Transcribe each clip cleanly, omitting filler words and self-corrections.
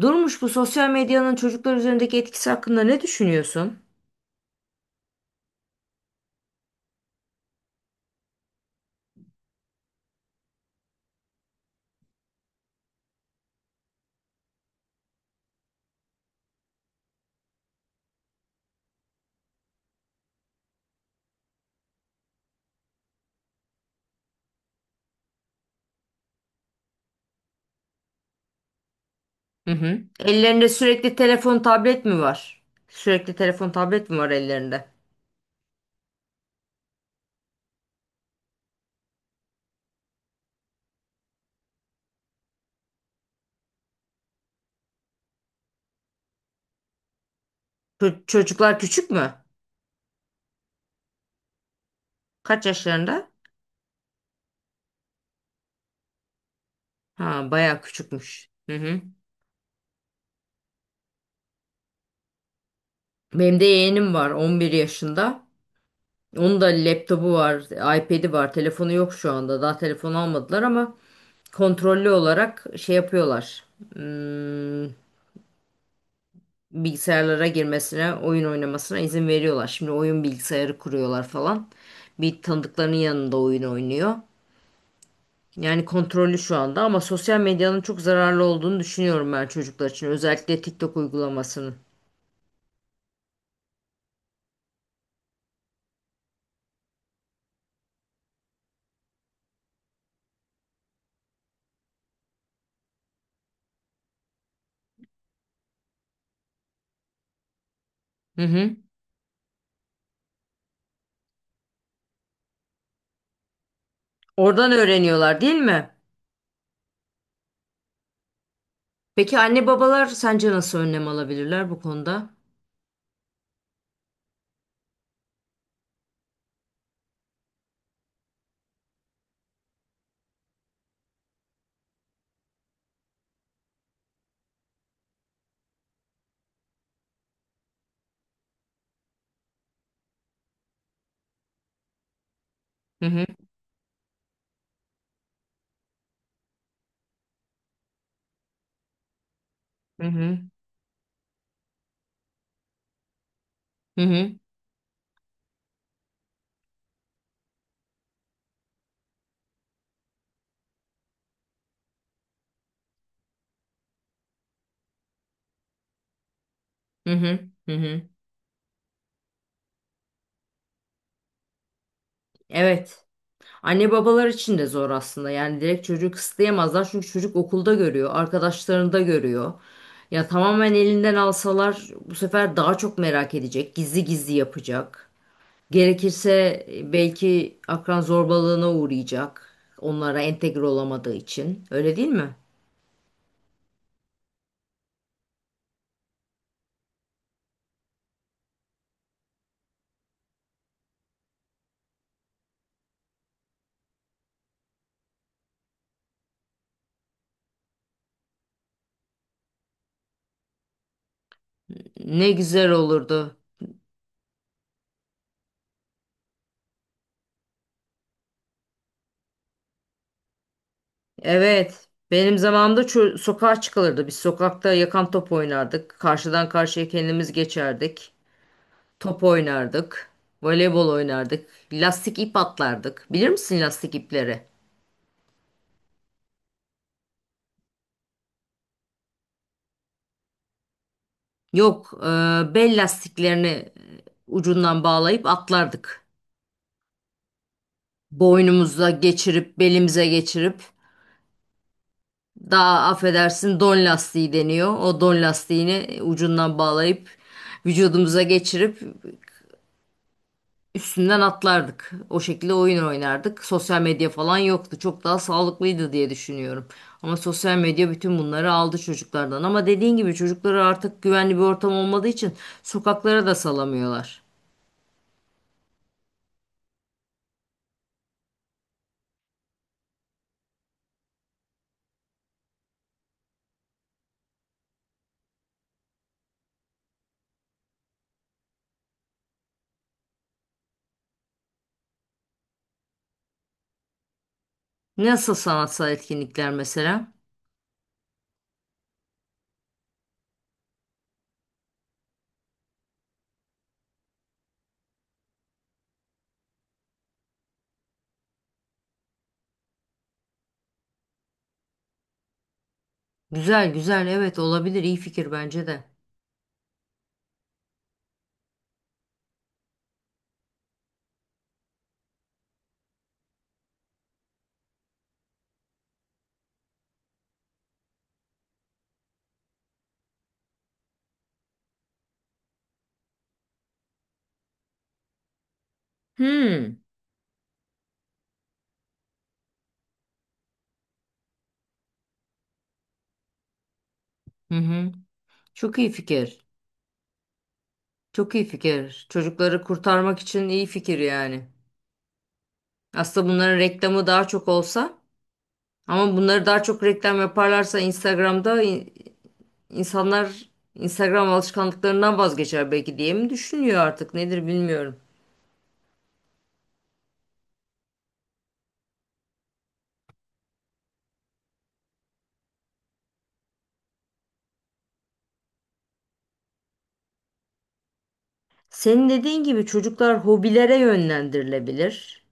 Durmuş bu sosyal medyanın çocuklar üzerindeki etkisi hakkında ne düşünüyorsun? Hı hı. Ellerinde sürekli telefon, tablet mi var? Sürekli telefon, tablet mi var ellerinde? Çocuklar küçük mü? Kaç yaşlarında? Ha, bayağı küçükmüş. Hı hı. Benim de yeğenim var 11 yaşında. Onun da laptopu var, iPad'i var. Telefonu yok şu anda. Daha telefon almadılar ama kontrollü olarak şey yapıyorlar. Hmm, bilgisayarlara girmesine, oyun oynamasına izin veriyorlar. Şimdi oyun bilgisayarı kuruyorlar falan. Bir tanıdıklarının yanında oyun oynuyor. Yani kontrollü şu anda ama sosyal medyanın çok zararlı olduğunu düşünüyorum ben çocuklar için. Özellikle TikTok uygulamasının. Hı hı. Oradan öğreniyorlar değil mi? Peki anne babalar sence nasıl önlem alabilirler bu konuda? Hı hı. Hı hı. Hı hı. Hı hı. Hı hı. Evet. Anne babalar için de zor aslında. Yani direkt çocuğu kısıtlayamazlar çünkü çocuk okulda görüyor, arkadaşlarında görüyor. Ya tamamen elinden alsalar bu sefer daha çok merak edecek, gizli gizli yapacak. Gerekirse belki akran zorbalığına uğrayacak. Onlara entegre olamadığı için. Öyle değil mi? Ne güzel olurdu. Evet. Benim zamanımda sokağa çıkılırdı. Biz sokakta yakan top oynardık. Karşıdan karşıya kendimiz geçerdik. Top oynardık. Voleybol oynardık. Lastik ip atlardık. Bilir misin lastik ipleri? Yok, bel lastiklerini ucundan bağlayıp atlardık. Boynumuza geçirip, belimize geçirip, daha affedersin don lastiği deniyor. O don lastiğini ucundan bağlayıp, vücudumuza geçirip üstünden atlardık. O şekilde oyun oynardık. Sosyal medya falan yoktu. Çok daha sağlıklıydı diye düşünüyorum. Ama sosyal medya bütün bunları aldı çocuklardan. Ama dediğin gibi çocukları artık güvenli bir ortam olmadığı için sokaklara da salamıyorlar. Nasıl sanatsal etkinlikler mesela? Güzel güzel, evet, olabilir, iyi fikir bence de. Hmm. Hı hı. Çok iyi fikir. Çok iyi fikir. Çocukları kurtarmak için iyi fikir yani. Aslında bunların reklamı daha çok olsa. Ama bunları daha çok reklam yaparlarsa Instagram'da insanlar Instagram alışkanlıklarından vazgeçer belki diye mi düşünüyor artık nedir bilmiyorum. Senin dediğin gibi çocuklar hobilere yönlendirilebilir.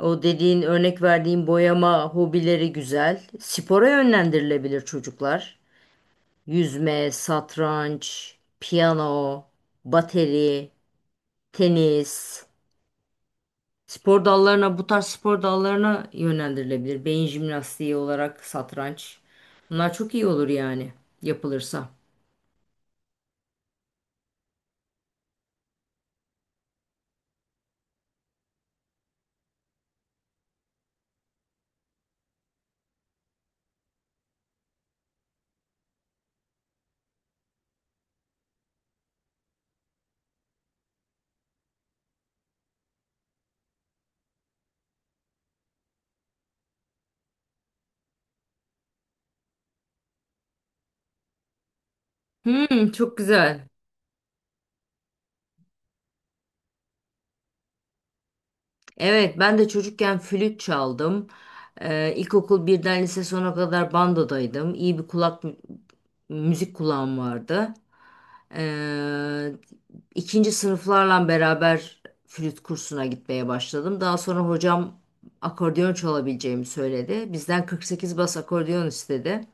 O dediğin, örnek verdiğin boyama hobileri güzel. Spora yönlendirilebilir çocuklar. Yüzme, satranç, piyano, bateri, tenis. Spor dallarına, bu tarz spor dallarına yönlendirilebilir. Beyin jimnastiği olarak satranç. Bunlar çok iyi olur yani yapılırsa. Hmm, çok güzel. Evet, ben de çocukken flüt çaldım. İlkokul birden lise sona kadar bandodaydım. İyi bir kulak, müzik kulağım vardı. Ee, ikinci sınıflarla beraber flüt kursuna gitmeye başladım. Daha sonra hocam akordeon çalabileceğimi söyledi. Bizden 48 bas akordeon istedi.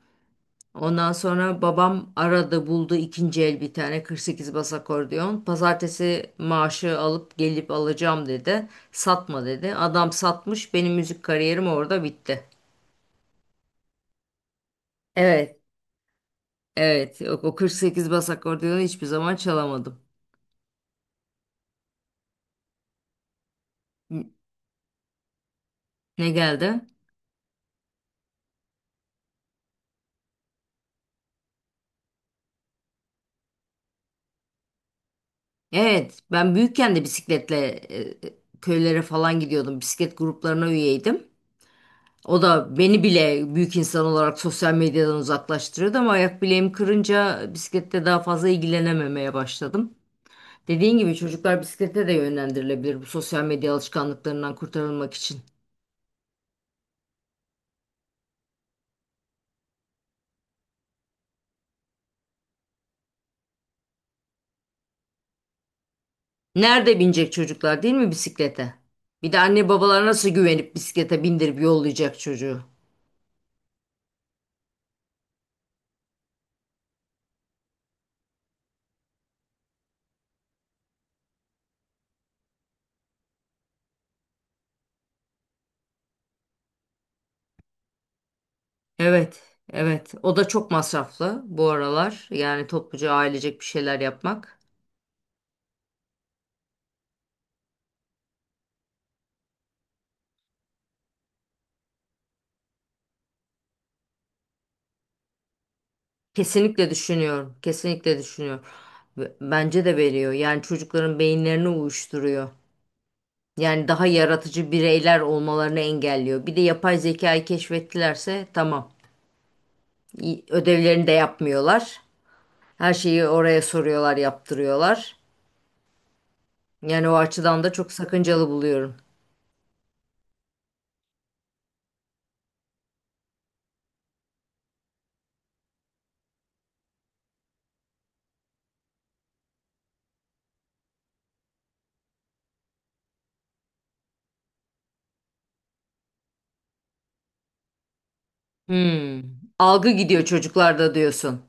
Ondan sonra babam aradı, buldu ikinci el bir tane 48 bas akordeon. Pazartesi maaşı alıp gelip alacağım dedi. Satma dedi. Adam satmış, benim müzik kariyerim orada bitti. Evet. Evet o 48 bas akordeonu hiçbir zaman çalamadım. N- Ne geldi? Evet, ben büyükken de bisikletle köylere falan gidiyordum. Bisiklet gruplarına üyeydim. O da beni bile büyük insan olarak sosyal medyadan uzaklaştırıyordu ama ayak bileğimi kırınca bisiklette daha fazla ilgilenememeye başladım. Dediğin gibi çocuklar bisiklete de yönlendirilebilir bu sosyal medya alışkanlıklarından kurtarılmak için. Nerede binecek çocuklar değil mi bisiklete? Bir de anne babalar nasıl güvenip bisiklete bindirip yollayacak çocuğu? Evet, evet. O da çok masraflı bu aralar. Yani topluca ailecek bir şeyler yapmak. Kesinlikle düşünüyorum. Kesinlikle düşünüyorum. Ve bence de veriyor. Yani çocukların beyinlerini uyuşturuyor. Yani daha yaratıcı bireyler olmalarını engelliyor. Bir de yapay zekayı keşfettilerse tamam. İyi, ödevlerini de yapmıyorlar. Her şeyi oraya soruyorlar, yaptırıyorlar. Yani o açıdan da çok sakıncalı buluyorum. Hmm. Algı gidiyor çocuklarda diyorsun.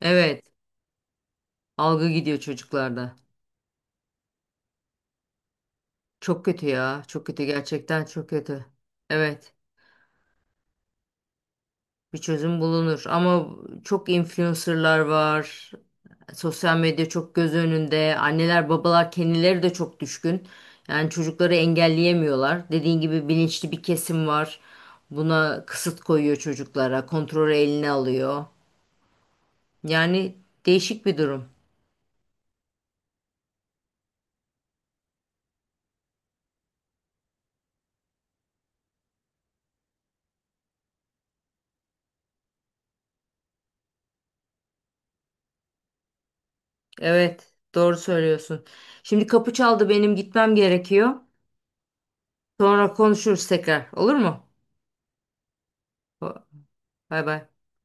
Evet. Algı gidiyor çocuklarda. Çok kötü ya. Çok kötü gerçekten, çok kötü. Evet. Bir çözüm bulunur ama çok influencerlar var. Sosyal medya çok göz önünde. Anneler, babalar kendileri de çok düşkün. Yani çocukları engelleyemiyorlar. Dediğin gibi bilinçli bir kesim var. Buna kısıt koyuyor çocuklara, kontrolü eline alıyor. Yani değişik bir durum. Evet, doğru söylüyorsun. Şimdi kapı çaldı, benim gitmem gerekiyor. Sonra konuşuruz tekrar. Olur mu? Bay bay.